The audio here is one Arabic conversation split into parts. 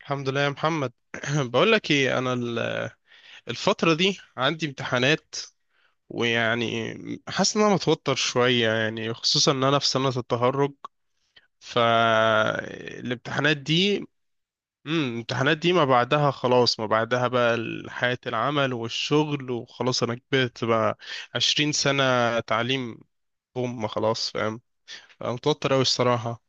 الحمد لله يا محمد بقول لك ايه، انا الفتره دي عندي امتحانات. ويعني حاسس ان انا متوتر شويه، يعني خصوصا ان انا في سنه التخرج. فالامتحانات دي الامتحانات دي ما بعدها خلاص، ما بعدها بقى حياه العمل والشغل، وخلاص انا كبرت بقى. 20 سنه تعليم. هم خلاص، فاهم. أنا متوتر قوي الصراحه.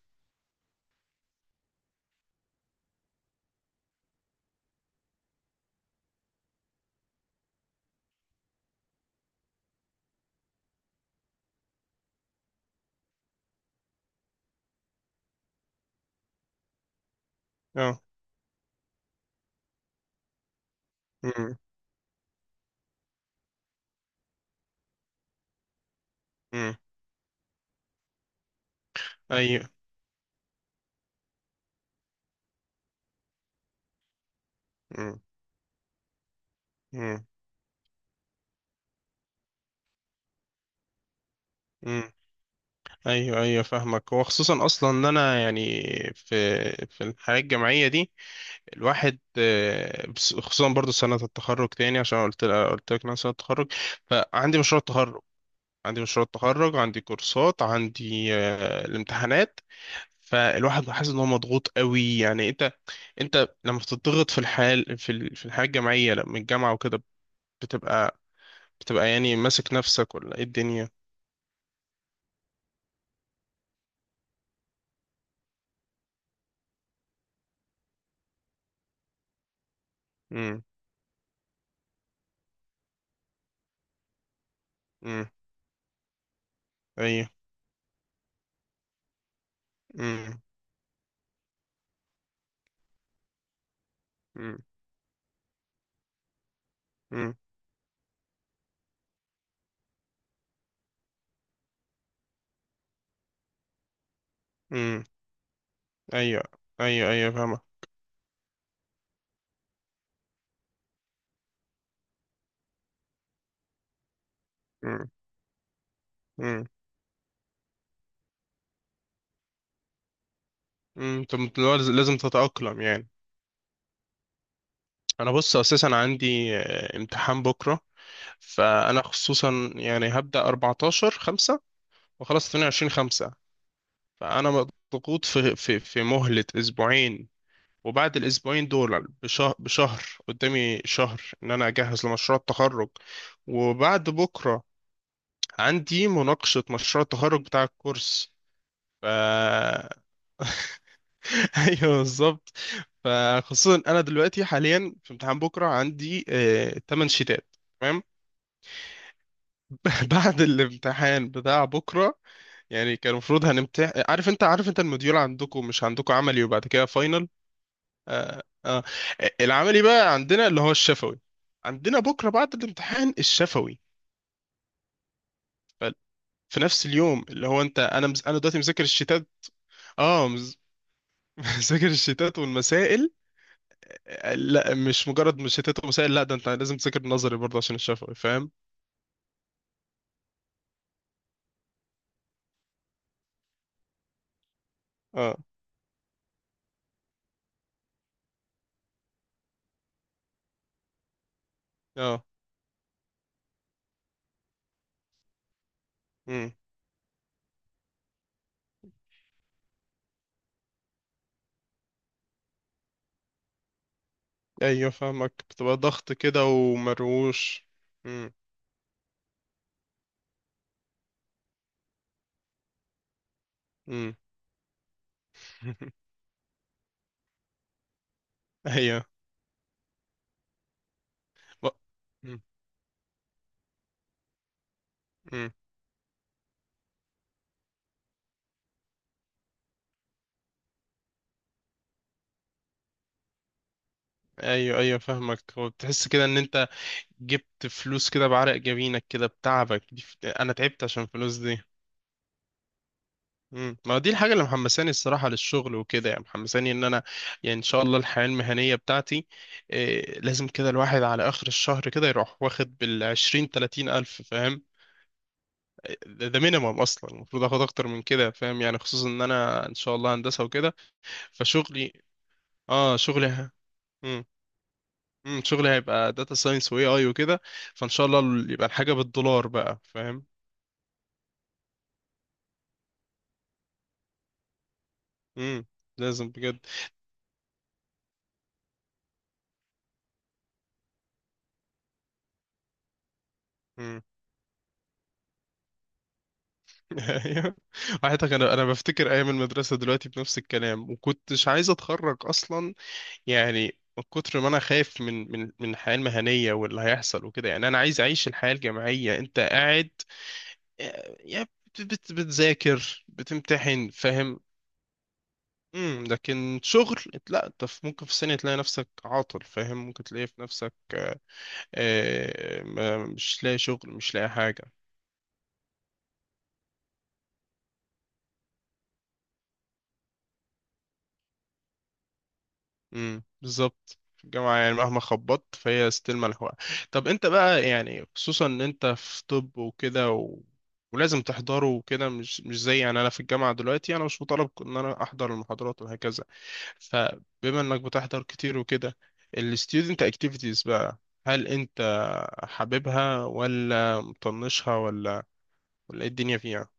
اه. امم. امم. ايوه. امم. ايوه ايوه فاهمك، وخصوصا اصلا ان انا يعني في الحياه الجامعيه دي الواحد خصوصا برضو سنه التخرج، تاني عشان قلت لك إن انا سنه التخرج. فعندي مشروع التخرج. عندي مشروع التخرج، عندي كورسات، عندي الامتحانات. فالواحد حاسس ان هو مضغوط قوي. يعني انت، لما بتضغط في الحال، في في الحياه الجامعيه، لما الجامعه وكده بتبقى يعني ماسك نفسك، ولا ايه الدنيا؟ امم. امم. ايوه. امم. امم، امم. امم. ايوه ايوه ايوه فاهمة. امم. امم. امم. طب لازم لازم تتأقلم يعني. انا بص، اساسا عندي امتحان بكرة. فانا خصوصا يعني هبدأ 14/5 وخلاص 22/5. فانا مضغوط في مهلة اسبوعين، وبعد الاسبوعين دول بشهر بشهر قدامي شهر ان انا اجهز لمشروع التخرج. وبعد بكرة عندي مناقشة مشروع التخرج بتاع الكورس. ف ايوه بالظبط. فخصوصا انا دلوقتي حاليا في امتحان بكره، عندي 8 شيتات. تمام. بعد الامتحان بتاع بكره يعني كان المفروض هنمتحن. عارف انت الموديول عندكم؟ مش عندكم عملي وبعد كده فاينل. آه آه. العملي بقى عندنا اللي هو الشفوي. عندنا بكره بعد الامتحان الشفوي. ف- في نفس اليوم. اللي هو انت، انا دلوقتي مذاكر الشتات. اه مذاكر الشتات والمسائل. لا مش مجرد مشيتات وسائل، لا ده انت لازم تذاكر نظري برضه عشان الشفوي، فاهم. اه. اه. امم. ايوه فاهمك، بتبقى ضغط كده ومروش. امم. امم. ايوه. ب... مم. مم. ايوه ايوه فاهمك. هو بتحس كده ان انت جبت فلوس كده بعرق جبينك كده، بتعبك دي انا تعبت عشان الفلوس دي. مم. ما دي الحاجة اللي محمساني الصراحة للشغل وكده، يعني محمساني ان انا يعني ان شاء الله الحياة المهنية بتاعتي إيه. لازم كده الواحد على اخر الشهر كده يروح واخد بالعشرين 30 ألف، فاهم. ده مينيمم اصلا، المفروض اخد اكتر من كده، فاهم. يعني خصوصا ان انا ان شاء الله هندسة وكده. فشغلي. اه شغلي مم. مم. شغلي هيبقى داتا ساينس AI وكده. فان شاء الله يبقى الحاجة بالدولار بقى، فاهم. مم. لازم بجد. ايوه. على فكرة انا بفتكر ايام المدرسه دلوقتي بنفس الكلام، وكنتش عايز اتخرج اصلا. يعني من كتر ما انا خايف من الحياه المهنيه واللي هيحصل وكده، يعني انا عايز اعيش الحياه الجامعيه. انت قاعد يعني بتذاكر بتمتحن، فاهم. امم. لكن شغل. لا انت ممكن في سنه تلاقي نفسك عاطل، فاهم. ممكن تلاقي في نفسك مش لاقي شغل، مش لاقي حاجه. بالظبط. في الجامعة يعني مهما خبطت فهي ستيل ملحوقة. طب انت بقى، يعني خصوصا ان انت في طب وكده ولازم تحضره وكده. مش زي يعني انا في الجامعة دلوقتي، انا مش مطالب ان انا احضر المحاضرات وهكذا. فبما انك بتحضر كتير وكده، ال student activities بقى، هل انت حاببها ولا مطنشها، ولا ولا ايه الدنيا فيها؟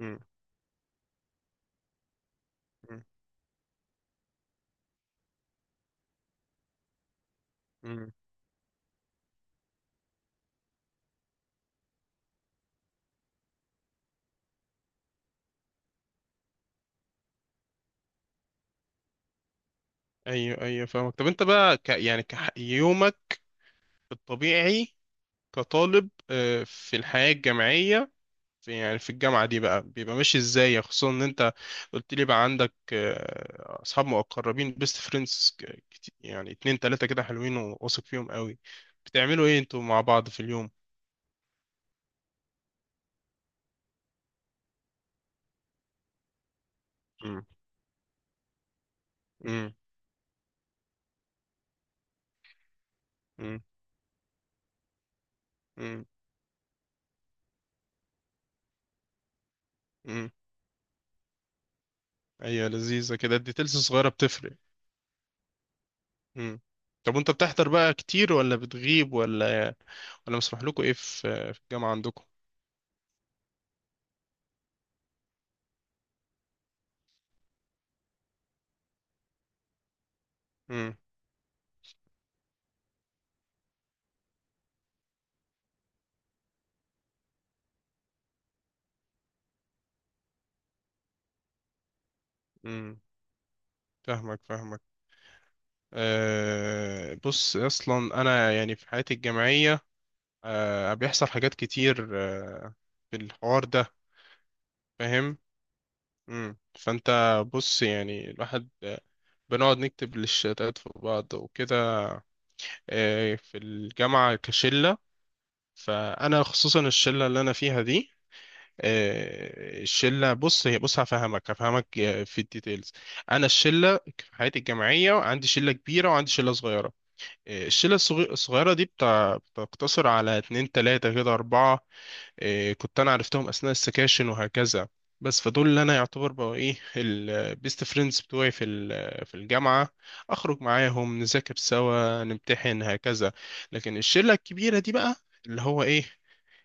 امم. امم. امم. ايوه ايوه فاهمك. طب انت بقى يعني يومك الطبيعي كطالب في الحياة الجامعية، في يعني في الجامعة دي بقى بيبقى ماشي ازاي، يعني خصوصا ان انت قلت لي بقى عندك اصحاب مقربين، بيست فريندز، يعني اتنين تلاتة كده حلوين وواثق فيهم قوي. بتعملوا ايه انتوا مع بعض في اليوم؟ مم. مم. مم. مم. مم. ايوه لذيذة كده، الديتيلز الصغيرة بتفرق. مم. طب وانت بتحضر بقى كتير ولا بتغيب، ولا ولا مسموح لكم ايه في الجامعة عندكم؟ امم. امم. فاهمك فاهمك. أه بص، اصلا انا يعني في حياتي الجامعيه أه بيحصل حاجات كتير. أه في الحوار ده فاهم. مم. فانت بص يعني الواحد بنقعد نكتب للشتات في بعض وكده. في الجامعه كشله، فانا خصوصا الشله اللي انا فيها دي، الشله بص هي بص هفهمك في الديتيلز. انا الشله في حياتي الجامعيه عندي شله كبيره وعندي شله صغيره. إيه، الشلة الصغيرة دي بتاع بتقتصر على اتنين تلاتة كده أربعة. إيه، كنت أنا عرفتهم أثناء السكاشن وهكذا. بس فدول اللي أنا يعتبر بقوا إيه البيست فريندز بتوعي في في الجامعة. أخرج معاهم، نذاكر سوا، نمتحن، هكذا. لكن الشلة الكبيرة دي بقى، اللي هو إيه،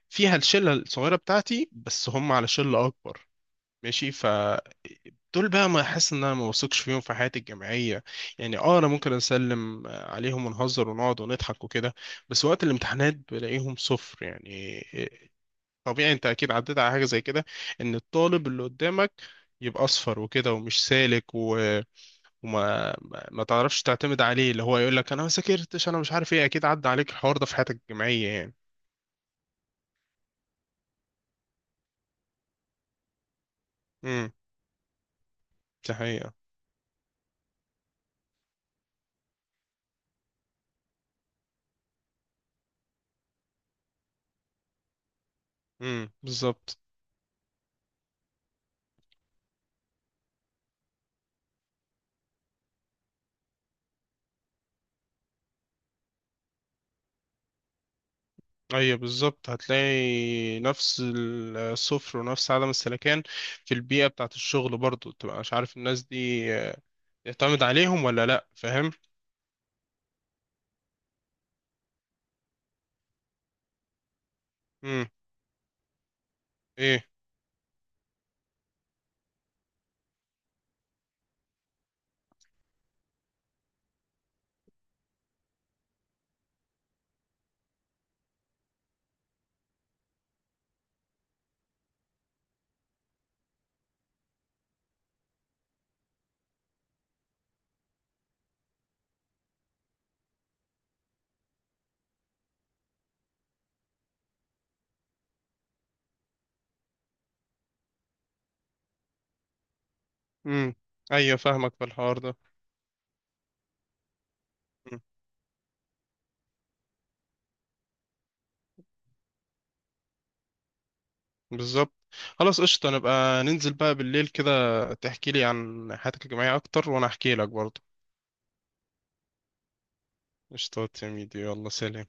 فيها الشلة الصغيرة بتاعتي بس هم على شلة أكبر. ماشي. دول بقى ما احس ان انا ما بثقش فيهم في حياتي الجامعيه. يعني اه انا ممكن اسلم عليهم ونهزر ونقعد ونضحك وكده. بس وقت الامتحانات بلاقيهم صفر، يعني طبيعي انت اكيد عديت على حاجه زي كده، ان الطالب اللي قدامك يبقى اصفر وكده ومش سالك وما ما ما تعرفش تعتمد عليه، اللي هو يقول لك انا ما ذاكرتش، انا مش عارف ايه. اكيد عدى عليك الحوار ده في حياتك الجامعيه يعني. امم. دي حقيقه. بالظبط. ايوه بالظبط، هتلاقي نفس الصفر ونفس عدم السلكان في البيئة بتاعة الشغل برضو، تبقى مش عارف الناس دي يعتمد عليهم ولا لا، فاهم. امم. ايه. امم. ايوه فاهمك في الحوار ده. مم. بالظبط. خلاص قشطة، نبقى ننزل بقى بالليل كده، تحكي لي عن حياتك الجامعية اكتر وانا احكي لك برضو. قشطة يا ميدي، يلا سلام.